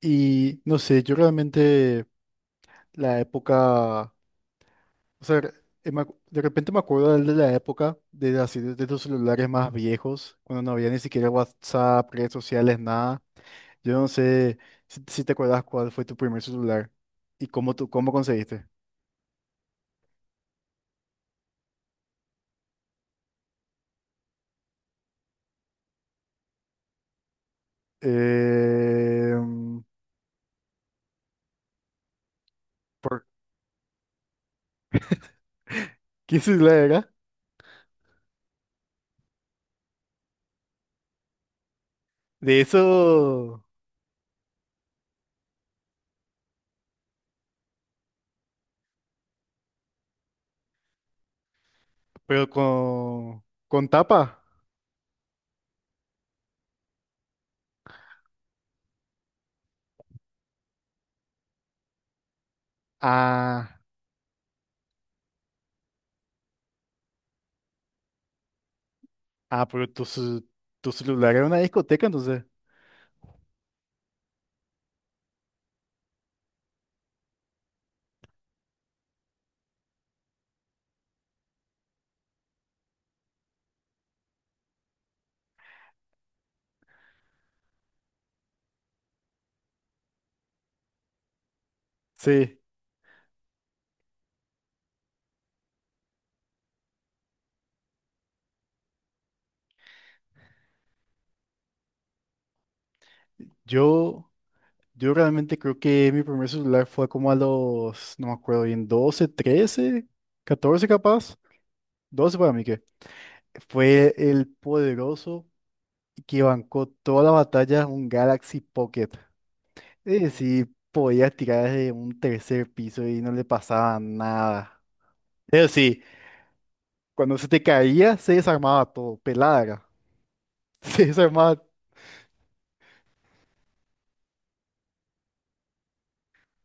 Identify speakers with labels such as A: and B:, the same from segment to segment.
A: Y no sé, yo realmente la época, o sea, de repente me acuerdo de la época de, así, de los celulares más viejos, cuando no había ni siquiera WhatsApp, redes sociales, nada. Yo no sé si te acuerdas cuál fue tu primer celular y cómo, tú, cómo conseguiste. Eh, ¿Por qué celular era? De eso... Pero con tapa. Ah, ah, pero tu, tu celular era una discoteca, entonces. Sí, yo, yo realmente creo que mi primer celular fue como a los, no me acuerdo bien, 12, 13, 14 capaz. 12 para mí que. Fue el poderoso que bancó toda la batalla, un Galaxy Pocket. Es decir, podías tirar desde un tercer piso y no le pasaba nada. Eso sí, cuando se te caía, se desarmaba todo, pelada era. Se desarmaba,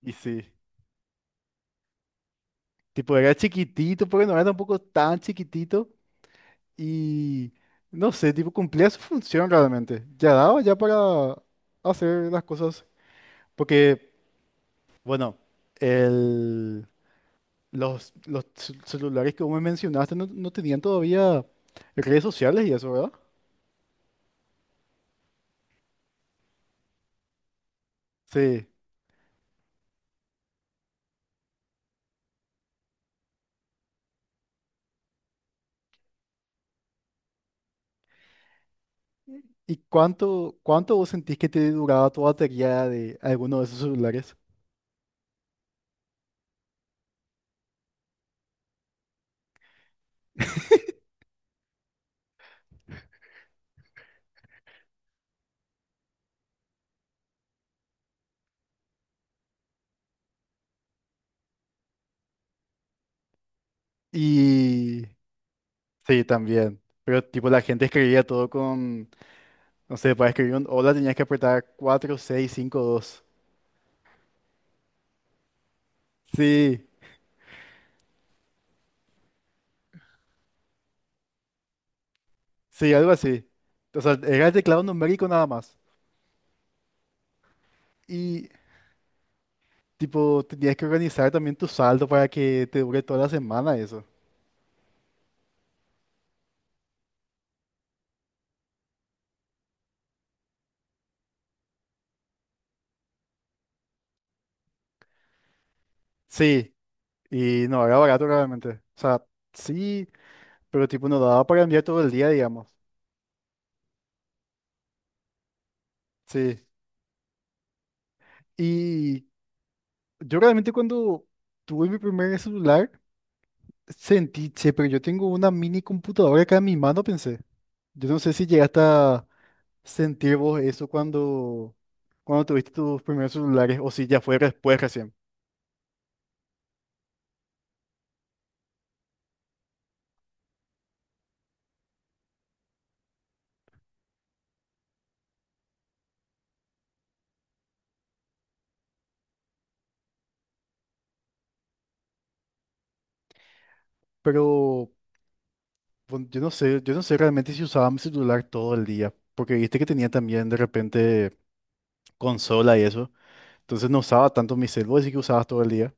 A: y sí. Tipo, era chiquitito, porque no era tampoco tan chiquitito. Y no sé, tipo, cumplía su función realmente. Ya daba ya para hacer las cosas. Porque, bueno, el, los celulares que vos me mencionaste no tenían todavía redes sociales y eso, ¿verdad? Sí. ¿Y cuánto, cuánto vos sentís que te duraba tu batería de alguno de esos celulares? Y sí, también. Pero tipo la gente escribía todo con, no sé, para escribir un hola tenías que apretar 4 6 5 2. Sí, sí, algo así. O sea, era el teclado numérico nada más. Y tipo tenías que organizar también tu saldo para que te dure toda la semana eso. Sí, y no era barato realmente. O sea, sí, pero tipo no daba para enviar todo el día, digamos. Sí. Y yo realmente cuando tuve mi primer celular, sentí, che, pero yo tengo una mini computadora acá en mi mano, pensé. Yo no sé si llegaste a sentir vos eso cuando, cuando tuviste tus primeros celulares o si ya fue después recién. Pero bueno, yo no sé realmente si usaba mi celular todo el día, porque viste que tenía también de repente consola y eso. Entonces no usaba tanto mi celular, así que usabas todo el día.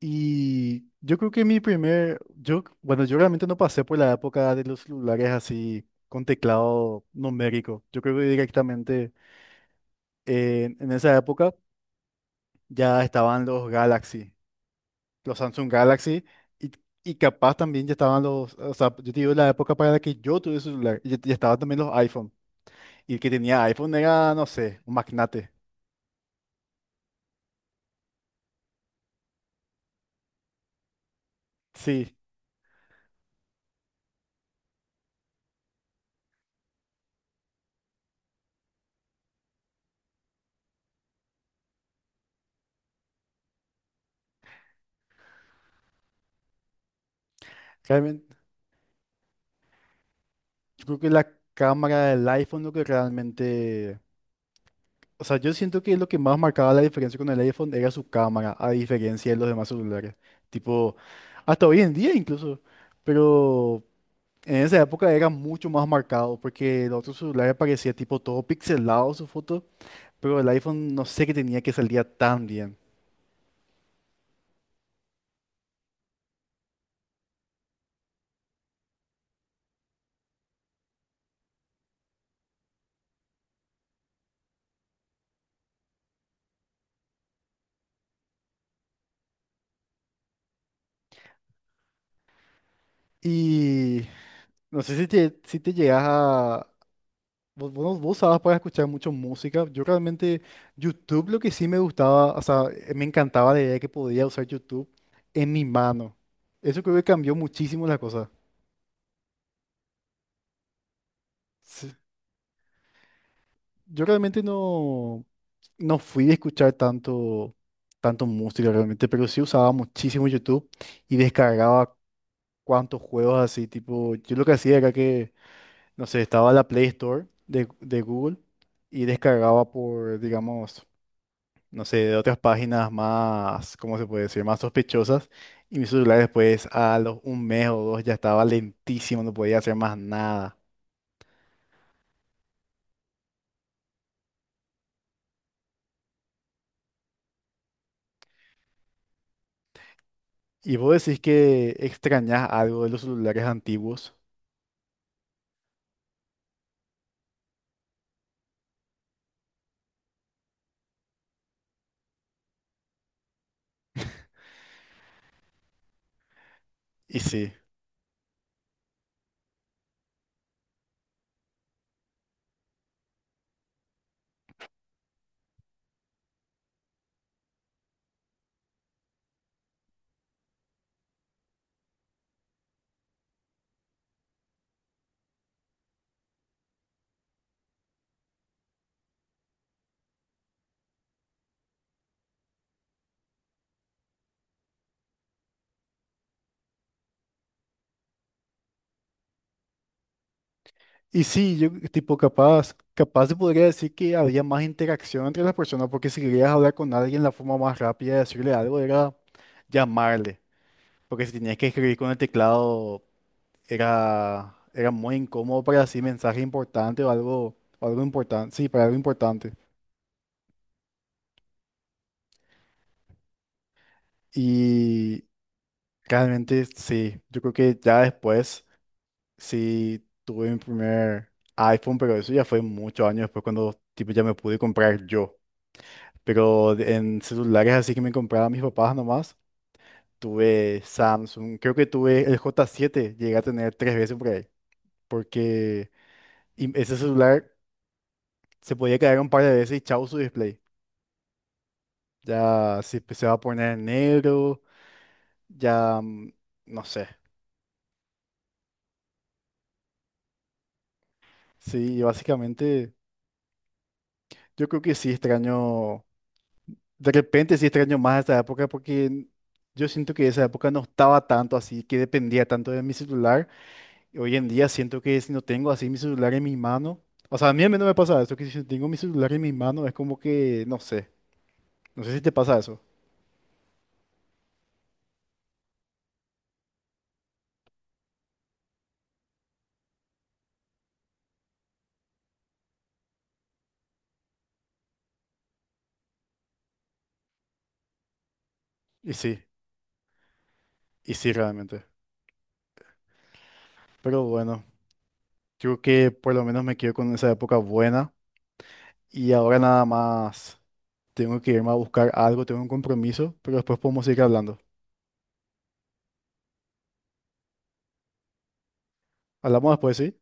A: Y yo creo que mi primer, yo, bueno, yo realmente no pasé por la época de los celulares así con teclado numérico. Yo creo que directamente en esa época ya estaban los Galaxy, los Samsung Galaxy, y, y capaz también ya estaban los, o sea, yo te digo la época para la que yo tuve celular, ya estaban también los iPhone. Y el que tenía iPhone era, no sé, un magnate. Sí, realmente, yo creo que la cámara del iPhone lo que realmente. O sea, yo siento que lo que más marcaba la diferencia con el iPhone era su cámara, a diferencia de los demás celulares. Tipo, hasta hoy en día incluso. Pero en esa época era mucho más marcado porque el otro celular parecía tipo todo pixelado su foto, pero el iPhone no sé qué tenía que salía tan bien. Y no sé si te llegas a, vos, vos, no, vos usabas para escuchar mucho música. Yo realmente, YouTube lo que sí me gustaba, o sea, me encantaba la idea de que podía usar YouTube en mi mano. Eso creo que cambió muchísimo la cosa. Sí, yo realmente no fui de escuchar tanto, tanto música realmente, pero sí usaba muchísimo YouTube y descargaba cuantos juegos así, tipo, yo lo que hacía era que, no sé, estaba la Play Store de Google y descargaba por, digamos, no sé, de otras páginas más, ¿cómo se puede decir? Más sospechosas. Y mi celular después, a los un mes o dos, ya estaba lentísimo, no podía hacer más nada. Y vos decís que extrañás algo de los celulares antiguos. Y sí. Y sí, yo tipo capaz se podría decir que había más interacción entre las personas, porque si querías hablar con alguien, la forma más rápida de decirle algo era llamarle. Porque si tenías que escribir con el teclado era, era muy incómodo para así mensaje importante o algo importante, sí, para algo importante. Y realmente sí, yo creo que ya después sí tuve mi primer iPhone, pero eso ya fue muchos años después cuando tipo ya me pude comprar yo. Pero de- en celulares así que me compraban mis papás nomás, tuve Samsung, creo que tuve el J7, llegué a tener tres veces por ahí, porque y ese celular se podía caer un par de veces y chau su display. Ya si se va a poner negro, ya no sé. Sí, básicamente yo creo que sí extraño, de repente sí extraño más esta época porque yo siento que esa época no estaba tanto así, que dependía tanto de mi celular. Y hoy en día siento que si no tengo así mi celular en mi mano, o sea, a mí al menos me pasa eso, que si tengo mi celular en mi mano es como que, no sé, no sé si te pasa eso. Y sí, y sí realmente. Pero bueno, yo creo que por lo menos me quedo con esa época buena. Y ahora nada más tengo que irme a buscar algo, tengo un compromiso, pero después podemos seguir hablando. Hablamos después, ¿sí?